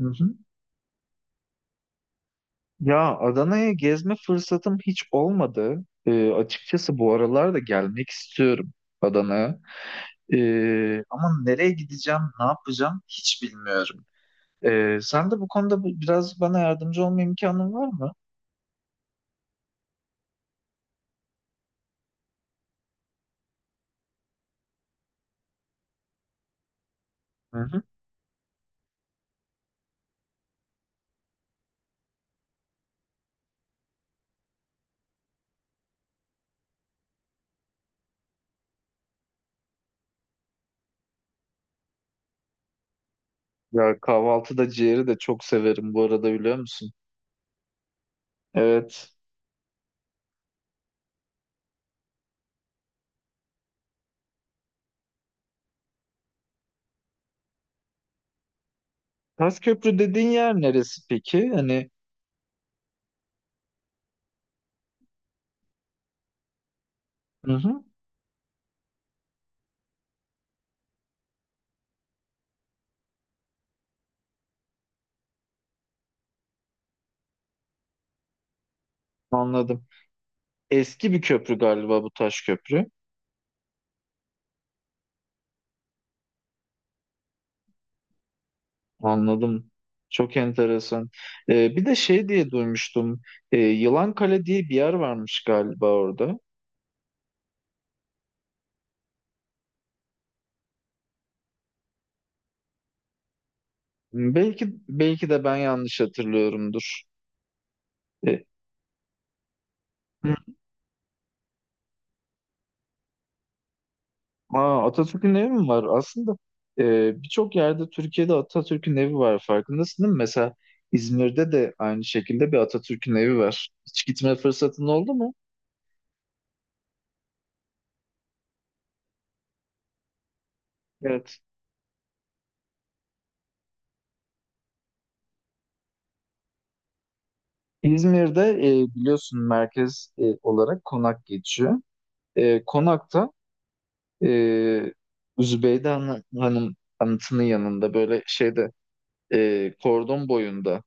Hı hı. Ya Adana'ya gezme fırsatım hiç olmadı. Açıkçası bu aralar da gelmek istiyorum Adana'ya. Ama nereye gideceğim, ne yapacağım hiç bilmiyorum. Sen de bu konuda biraz bana yardımcı olma imkanın var mı? Hı hı. Ya kahvaltıda ciğeri de çok severim bu arada biliyor musun? Evet. Köprü dediğin yer neresi peki? Hani hı hı, anladım. Eski bir köprü galiba bu Taşköprü. Anladım. Çok enteresan. Bir de şey diye duymuştum. Yılankale diye bir yer varmış galiba orada. Belki belki de ben yanlış hatırlıyorumdur. Ee, Atatürk'ün evi mi var? Aslında birçok yerde Türkiye'de Atatürk'ün evi var. Farkındasın değil mi? Mesela İzmir'de de aynı şekilde bir Atatürk'ün evi var. Hiç gitme fırsatın oldu mu? Evet. İzmir'de biliyorsun merkez olarak Konak geçiyor. E, Konak'ta e, Hanım anıtının yanında böyle şeyde kordon boyunda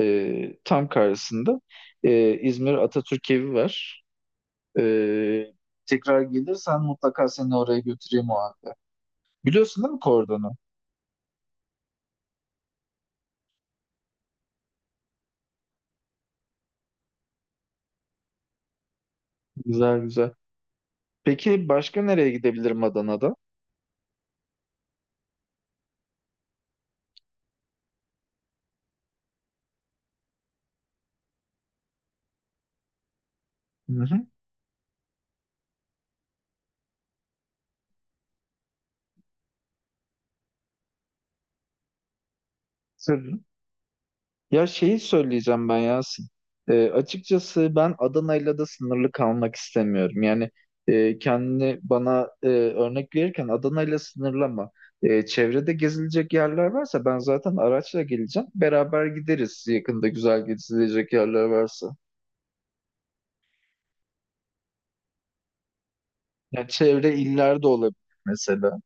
tam karşısında İzmir Atatürk evi var. Ee, Tekrar gelirsen mutlaka seni oraya götüreyim o halde. Biliyorsun değil mi Kordon'u? Güzel güzel. Peki başka nereye gidebilirim Adana'da? Hı hı. Söyle. Ya şeyi söyleyeceğim ben Yasin. Açıkçası ben Adana'yla da sınırlı kalmak istemiyorum. Yani kendini bana örnek verirken Adana'yla sınırlama. E, çevrede gezilecek yerler varsa ben zaten araçla geleceğim. Beraber gideriz yakında güzel gezilecek yerler varsa. Yani çevre illerde olabilir mesela.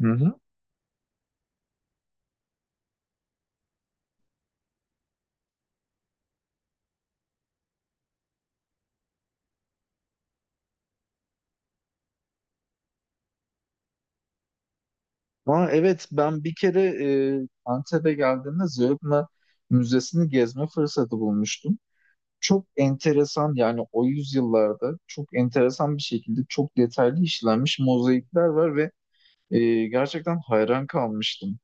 Hı hı. Ama evet ben bir kere Antep'e geldiğimde Zeugma Müzesi'ni gezme fırsatı bulmuştum. Çok enteresan yani o yüzyıllarda çok enteresan bir şekilde çok detaylı işlenmiş mozaikler var ve gerçekten hayran kalmıştım.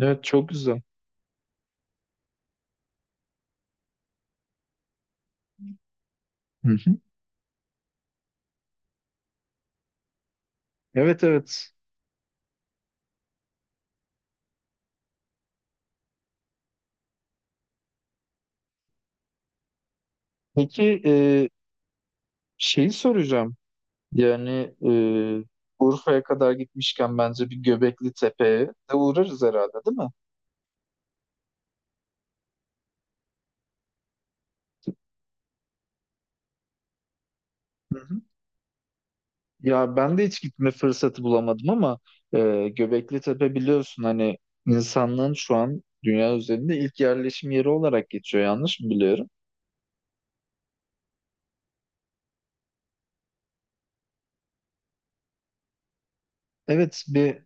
Evet çok güzel. Hı hı. Evet evet. Peki şeyi soracağım. Yani Urfa'ya kadar gitmişken bence bir Göbekli Tepe'ye de uğrarız herhalde değil mi? Hı hı. Ya ben de hiç gitme fırsatı bulamadım ama Göbekli Tepe biliyorsun hani insanlığın şu an dünya üzerinde ilk yerleşim yeri olarak geçiyor yanlış mı biliyorum? Evet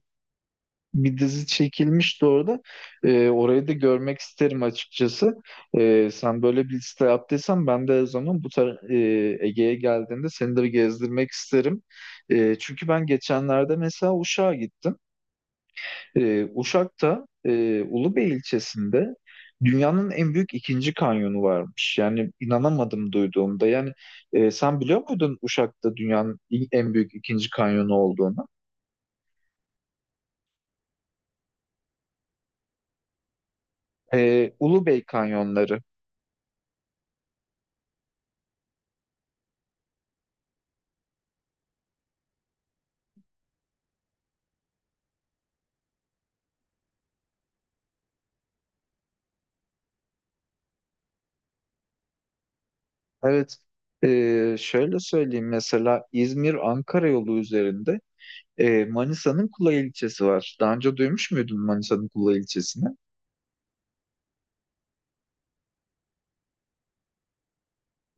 bir dizi çekilmişti orada. E, orayı da görmek isterim açıkçası. E, sen böyle bir liste yaptıysan ben de o zaman Ege'ye geldiğimde seni de bir gezdirmek isterim. E, çünkü ben geçenlerde mesela Uşak'a gittim. Uşak'ta Ulubey ilçesinde dünyanın en büyük ikinci kanyonu varmış. Yani inanamadım duyduğumda. Yani sen biliyor muydun Uşak'ta dünyanın en büyük ikinci kanyonu olduğunu? Ulubey kanyonları. Evet. Şöyle söyleyeyim mesela İzmir-Ankara yolu üzerinde Manisa'nın Kula ilçesi var. Daha önce duymuş muydun Manisa'nın Kula ilçesini?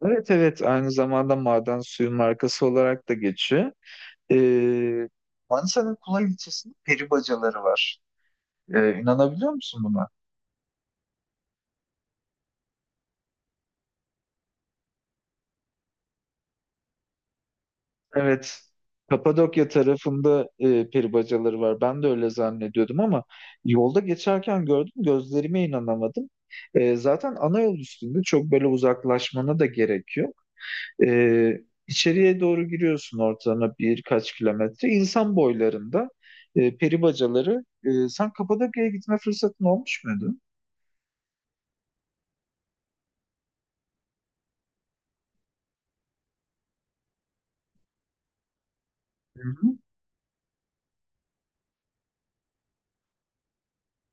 Evet evet aynı zamanda maden suyu markası olarak da geçiyor. Ee, Manisa'nın Kulay ilçesinde peri bacaları var. İnanabiliyor musun buna? Evet. Kapadokya tarafında peri bacaları var. Ben de öyle zannediyordum ama yolda geçerken gördüm, gözlerime inanamadım. Zaten ana yol üstünde çok böyle uzaklaşmana da gerekiyor. Ee, içeriye doğru giriyorsun ortalama birkaç kilometre. İnsan boylarında peri bacaları. Sen Kapadokya'ya gitme fırsatın olmuş muydu? Hı hı.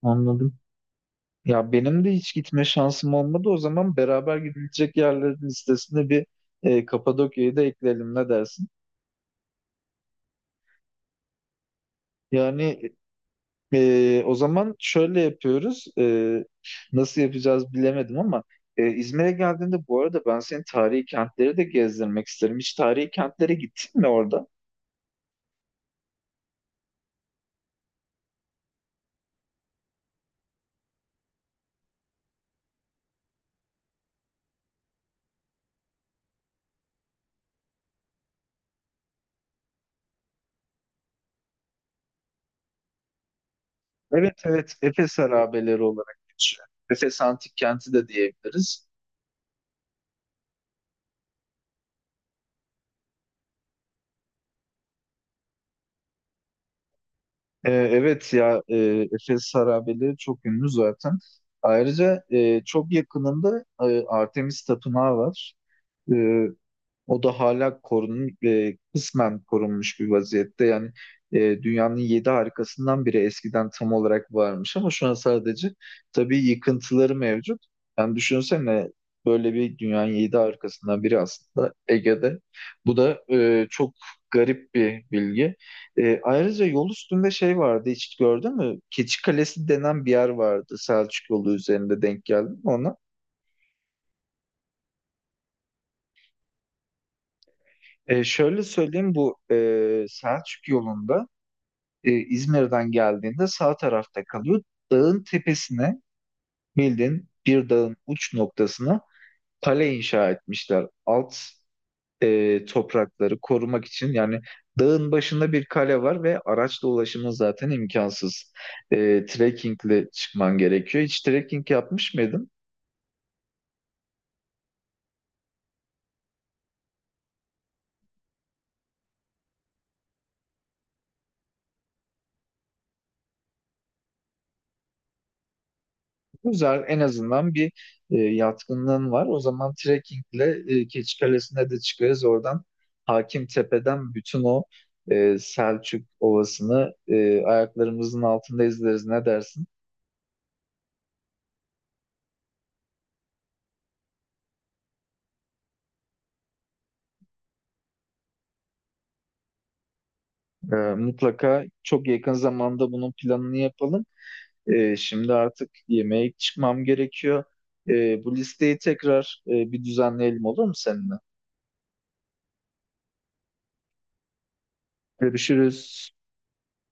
Anladım. Ya benim de hiç gitme şansım olmadı. O zaman beraber gidilecek yerlerin listesine bir Kapadokya'yı da ekleyelim ne dersin? Yani o zaman şöyle yapıyoruz. Nasıl yapacağız bilemedim ama İzmir'e geldiğinde bu arada ben senin tarihi kentleri de gezdirmek isterim. Hiç tarihi kentlere gittin mi orada? Evet evet Efes harabeleri olarak geçiyor. Efes Antik Kenti de diyebiliriz. Evet ya Efes harabeleri çok ünlü zaten. Ayrıca çok yakınında Artemis Tapınağı var. E, O da hala korunmuş, kısmen korunmuş bir vaziyette. Yani dünyanın yedi harikasından biri eskiden tam olarak varmış ama şu an sadece tabii yıkıntıları mevcut. Yani düşünsene böyle bir dünyanın yedi harikasından biri aslında Ege'de. Bu da çok garip bir bilgi. E, ayrıca yol üstünde şey vardı hiç gördün mü? Keçi Kalesi denen bir yer vardı Selçuk yolu üzerinde denk geldim ona. Şöyle söyleyeyim bu Selçuk yolunda İzmir'den geldiğinde sağ tarafta kalıyor. Dağın tepesine bildiğin bir dağın uç noktasına kale inşa etmişler. Alt toprakları korumak için yani dağın başında bir kale var ve araçla ulaşımın zaten imkansız. Trekkingle çıkman gerekiyor. Hiç trekking yapmış mıydın? Güzel, en azından bir yatkınlığın var. O zaman trekkingle Keçikalesi'ne de çıkarız. Oradan Hakimtepe'den bütün o Selçuk Ovası'nı ayaklarımızın altında izleriz. Ne dersin? Mutlaka çok yakın zamanda bunun planını yapalım. Şimdi artık yemeğe çıkmam gerekiyor. Bu listeyi tekrar bir düzenleyelim olur mu seninle? Görüşürüz.